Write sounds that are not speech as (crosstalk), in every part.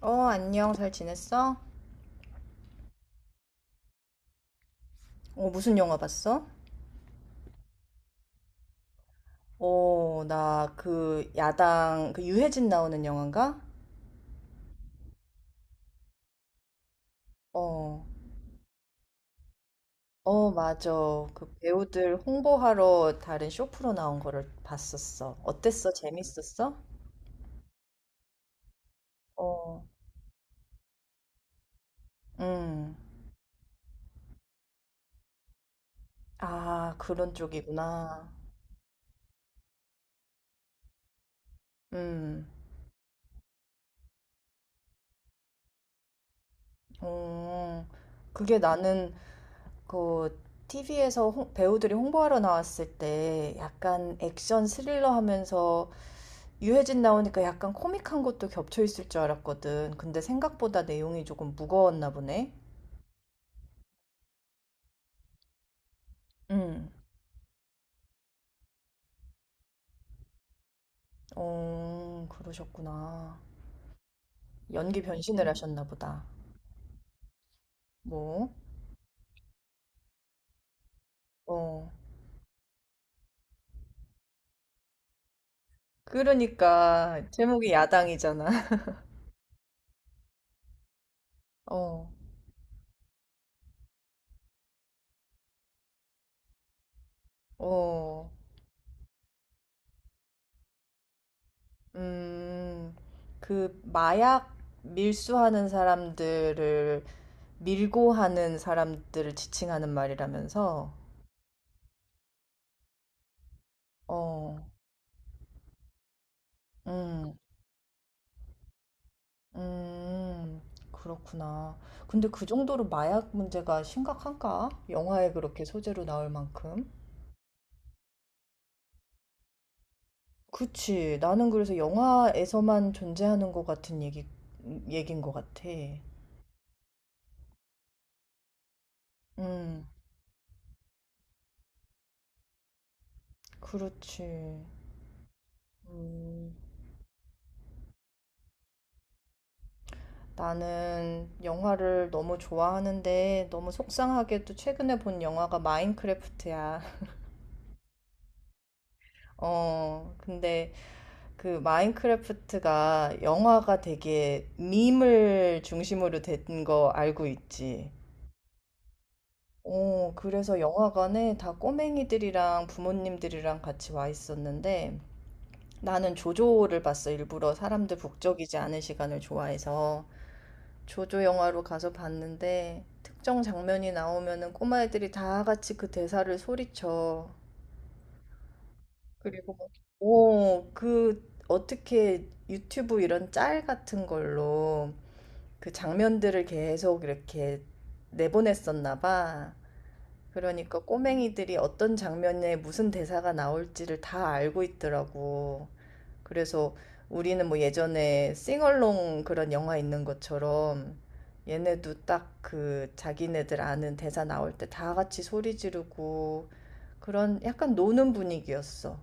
어, 안녕. 잘 지냈어? 어, 무슨 영화 봤어? 어, 나 그 야당, 그 유해진 나오는 영화인가? 어, 어, 맞아. 그 배우들 홍보하러 다른 쇼프로 나온 거를 봤었어. 어땠어? 재밌었어? 어, 음. 아, 그런 쪽이구나. 음, 어, 그게 나는 그 TV에서 배우들이 홍보하러 나왔을 때 약간 액션 스릴러 하면서 유해진 나오니까 약간 코믹한 것도 겹쳐 있을 줄 알았거든. 근데 생각보다 내용이 조금 무거웠나 보네. 응. 어, 그러셨구나. 연기 변신을 하셨나 보다. 뭐? 어. 그러니까 제목이 야당이잖아. (laughs) 어. 어. 음. 그 마약 밀수하는 사람들을 밀고 하는 사람들을 지칭하는 말이라면서. 어. 음. 음. 그렇구나. 근데 그 정도로 마약 문제가 심각한가? 영화에 그렇게 소재로 나올 만큼. 그치. 나는 그래서 영화에서만 존재하는 것 같은 얘긴 것 같아. 음, 그렇지. 음, 나는 영화를 너무 좋아하는데 너무 속상하게도 최근에 본 영화가 마인크래프트야. 어, 근데 그 마인크래프트가 영화가 되게 밈을 중심으로 된 거 알고 있지. 어, 그래서 영화관에 다 꼬맹이들이랑 부모님들이랑 같이 와 있었는데 나는 조조를 봤어. 일부러 사람들 북적이지 않은 시간을 좋아해서 조조 영화로 가서 봤는데 특정 장면이 나오면은 꼬마애들이 다 같이 그 대사를 소리쳐. 그리고 막, 오, 그, 어떻게 유튜브 이런 짤 같은 걸로 그 장면들을 계속 이렇게 내보냈었나 봐. 그러니까 꼬맹이들이 어떤 장면에 무슨 대사가 나올지를 다 알고 있더라고. 그래서 우리는 뭐 예전에 싱얼롱 그런 영화 있는 것처럼 얘네도 딱 그 자기네들 아는 대사 나올 때 다 같이 소리 지르고 그런 약간 노는 분위기였어.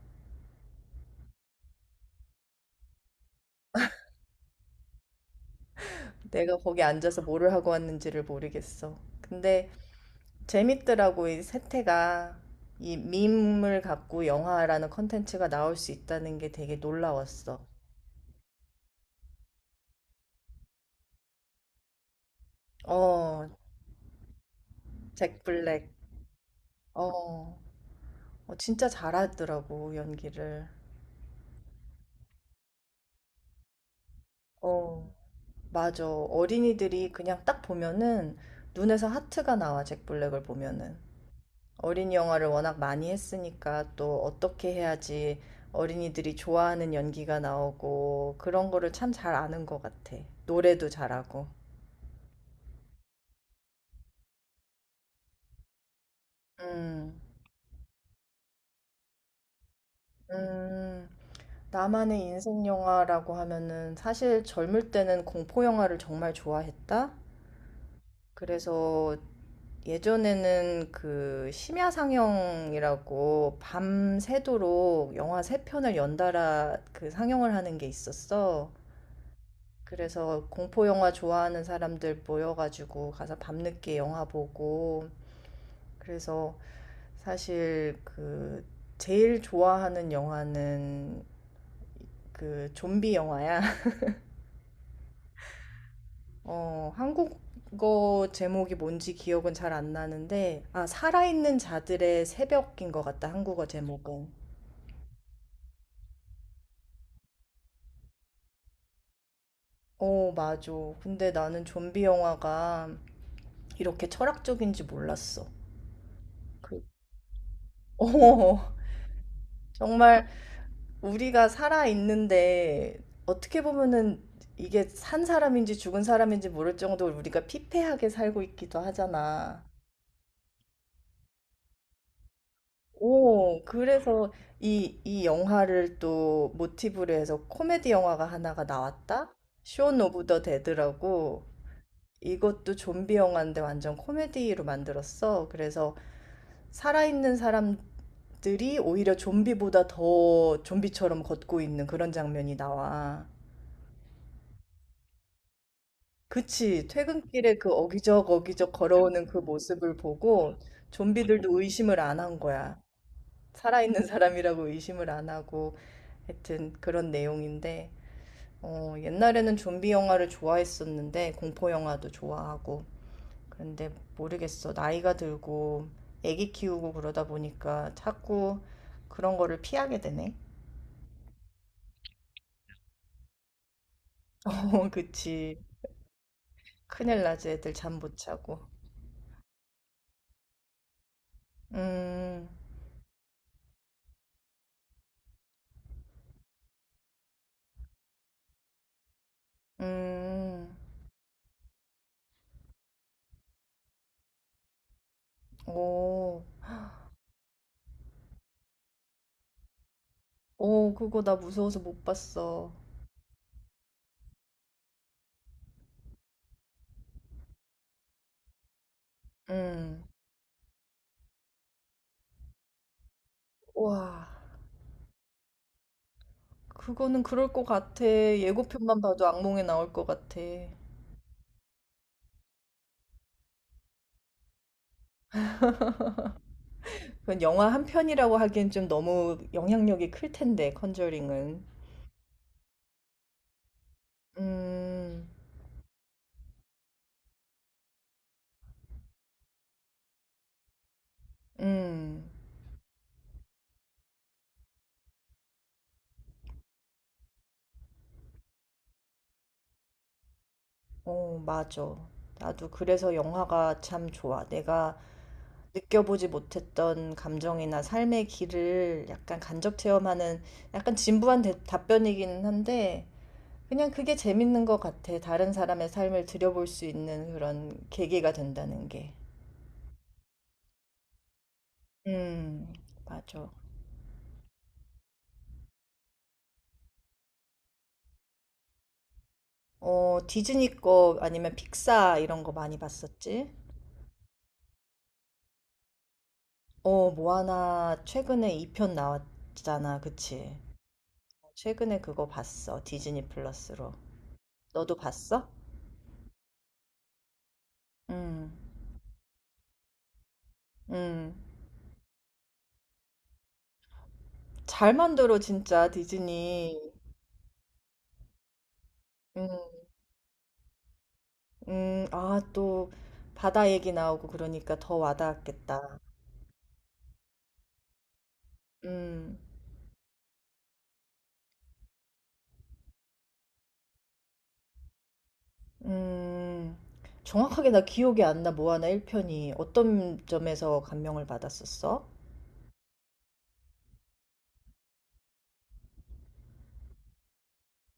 내가 거기 앉아서 뭐를 하고 왔는지를 모르겠어. 근데 재밌더라고, 이 세태가. 이 밈을 갖고 영화라는 컨텐츠가 나올 수 있다는 게 되게 놀라웠어. 어, 잭 블랙. 어, 어, 진짜 잘하더라고, 연기를. 어, 맞아. 어린이들이 그냥 딱 보면은 눈에서 하트가 나와, 잭 블랙을 보면은. 어린이 영화를 워낙 많이 했으니까 또 어떻게 해야지 어린이들이 좋아하는 연기가 나오고 그런 거를 참 잘 아는 것 같아. 노래도 잘하고. 음, 음, 나만의 인생 영화라고 하면은 사실 젊을 때는 공포 영화를 정말 좋아했다? 그래서 예전에는 그 심야 상영이라고 밤새도록 영화 세 편을 연달아 그 상영을 하는 게 있었어. 그래서 공포 영화 좋아하는 사람들 모여가지고 가서 밤늦게 영화 보고 그래서 사실 그 제일 좋아하는 영화는 그 좀비 영화야. (laughs) 어, 한국어 제목이 뭔지 기억은 잘 안 나는데 아, 살아있는 자들의 새벽인 것 같다. 한국어 제목은. 어, 맞아. 근데 나는 좀비 영화가 이렇게 철학적인지 몰랐어. (laughs) 어, 정말 우리가 살아있는데 어떻게 보면은 이게 산 사람인지 죽은 사람인지 모를 정도로 우리가 피폐하게 살고 있기도 하잖아. 오, 그래서 이 영화를 또 모티브로 해서 코미디 영화가 하나가 나왔다? 쇼 오브 더 데드라고 이것도 좀비 영화인데 완전 코미디로 만들었어. 그래서 살아있는 사람들이 오히려 좀비보다 더 좀비처럼 걷고 있는 그런 장면이 나와. 그치. 퇴근길에 그 어기적 어기적 걸어오는 그 모습을 보고 좀비들도 의심을 안 한 거야. 살아있는 사람이라고 의심을 안 하고 하여튼 그런 내용인데 어, 옛날에는 좀비 영화를 좋아했었는데 공포 영화도 좋아하고 그런데 모르겠어. 나이가 들고 애기 키우고 그러다 보니까 자꾸 그런 거를 피하게 되네. (laughs) 어, 그치. 큰일 나지. 애들 잠 못 자고. 음, 음, 오. 어 그거 나 무서워서 못 봤어. 음. 와, 그거는 그럴 것 같아. 예고편만 봐도 악몽에 나올 것 같아. 그건 영화 한 편이라고 하기엔 좀 너무 영향력이 클 텐데, 컨저링은. 음. 음. 어, 맞아. 나도 그래서 영화가 참 좋아. 내가 느껴보지 못했던 감정이나 삶의 길을 약간 간접 체험하는 약간 진부한 답변이기는 한데, 그냥 그게 재밌는 것 같아. 다른 사람의 삶을 들여볼 수 있는 그런 계기가 된다는 게. 음, 맞아. 어, 디즈니 거 아니면 픽사 이런 거 많이 봤었지? 어, 모아나 최근에 2편 나왔잖아. 그치? 최근에 그거 봤어. 디즈니 플러스로. 너도 봤어? 음, 음. 잘 만들어, 진짜, 디즈니. 음, 아, 또 바다 얘기 나오고 그러니까 더 와닿았겠다. 음. 음. 정확하게 나 기억이 안 나. 모아나 1 편이 어떤 점에서 감명을 받았었어?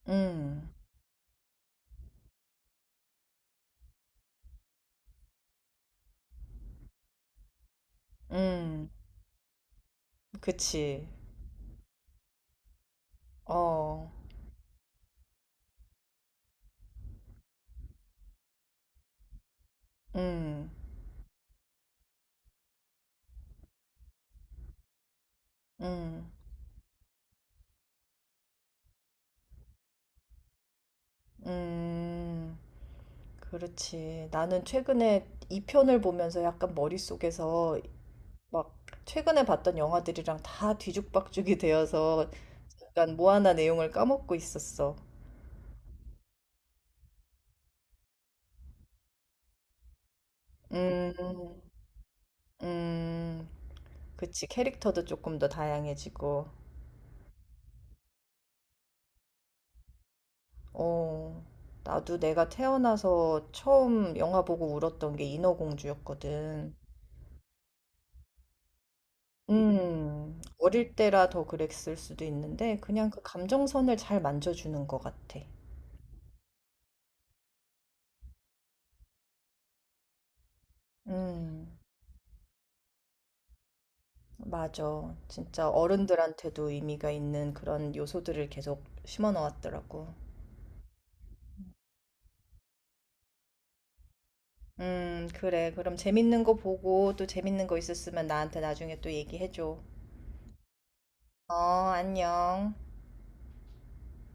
음. 음. 그치. 어. 음. 음. 음. 그렇지. 나는 최근에 2 편을 보면서 약간 머릿속에서 막 최근에 봤던 영화들이랑 다 뒤죽박죽이 되어서 약간 모아나 내용을 까먹고 있었어. 음. 음. 그치. 캐릭터도 조금 더 다양해지고. 어, 나도 내가 태어나서 처음 영화 보고 울었던 게 인어공주였거든. 어릴 때라 더 그랬을 수도 있는데, 그냥 그 감정선을 잘 만져주는 것 같아. 음, 맞아. 진짜 어른들한테도 의미가 있는 그런 요소들을 계속 심어 넣었더라고. 그래. 그럼 재밌는 거 보고 또 재밌는 거 있었으면 나한테 나중에 또 얘기해줘. 어, 안녕.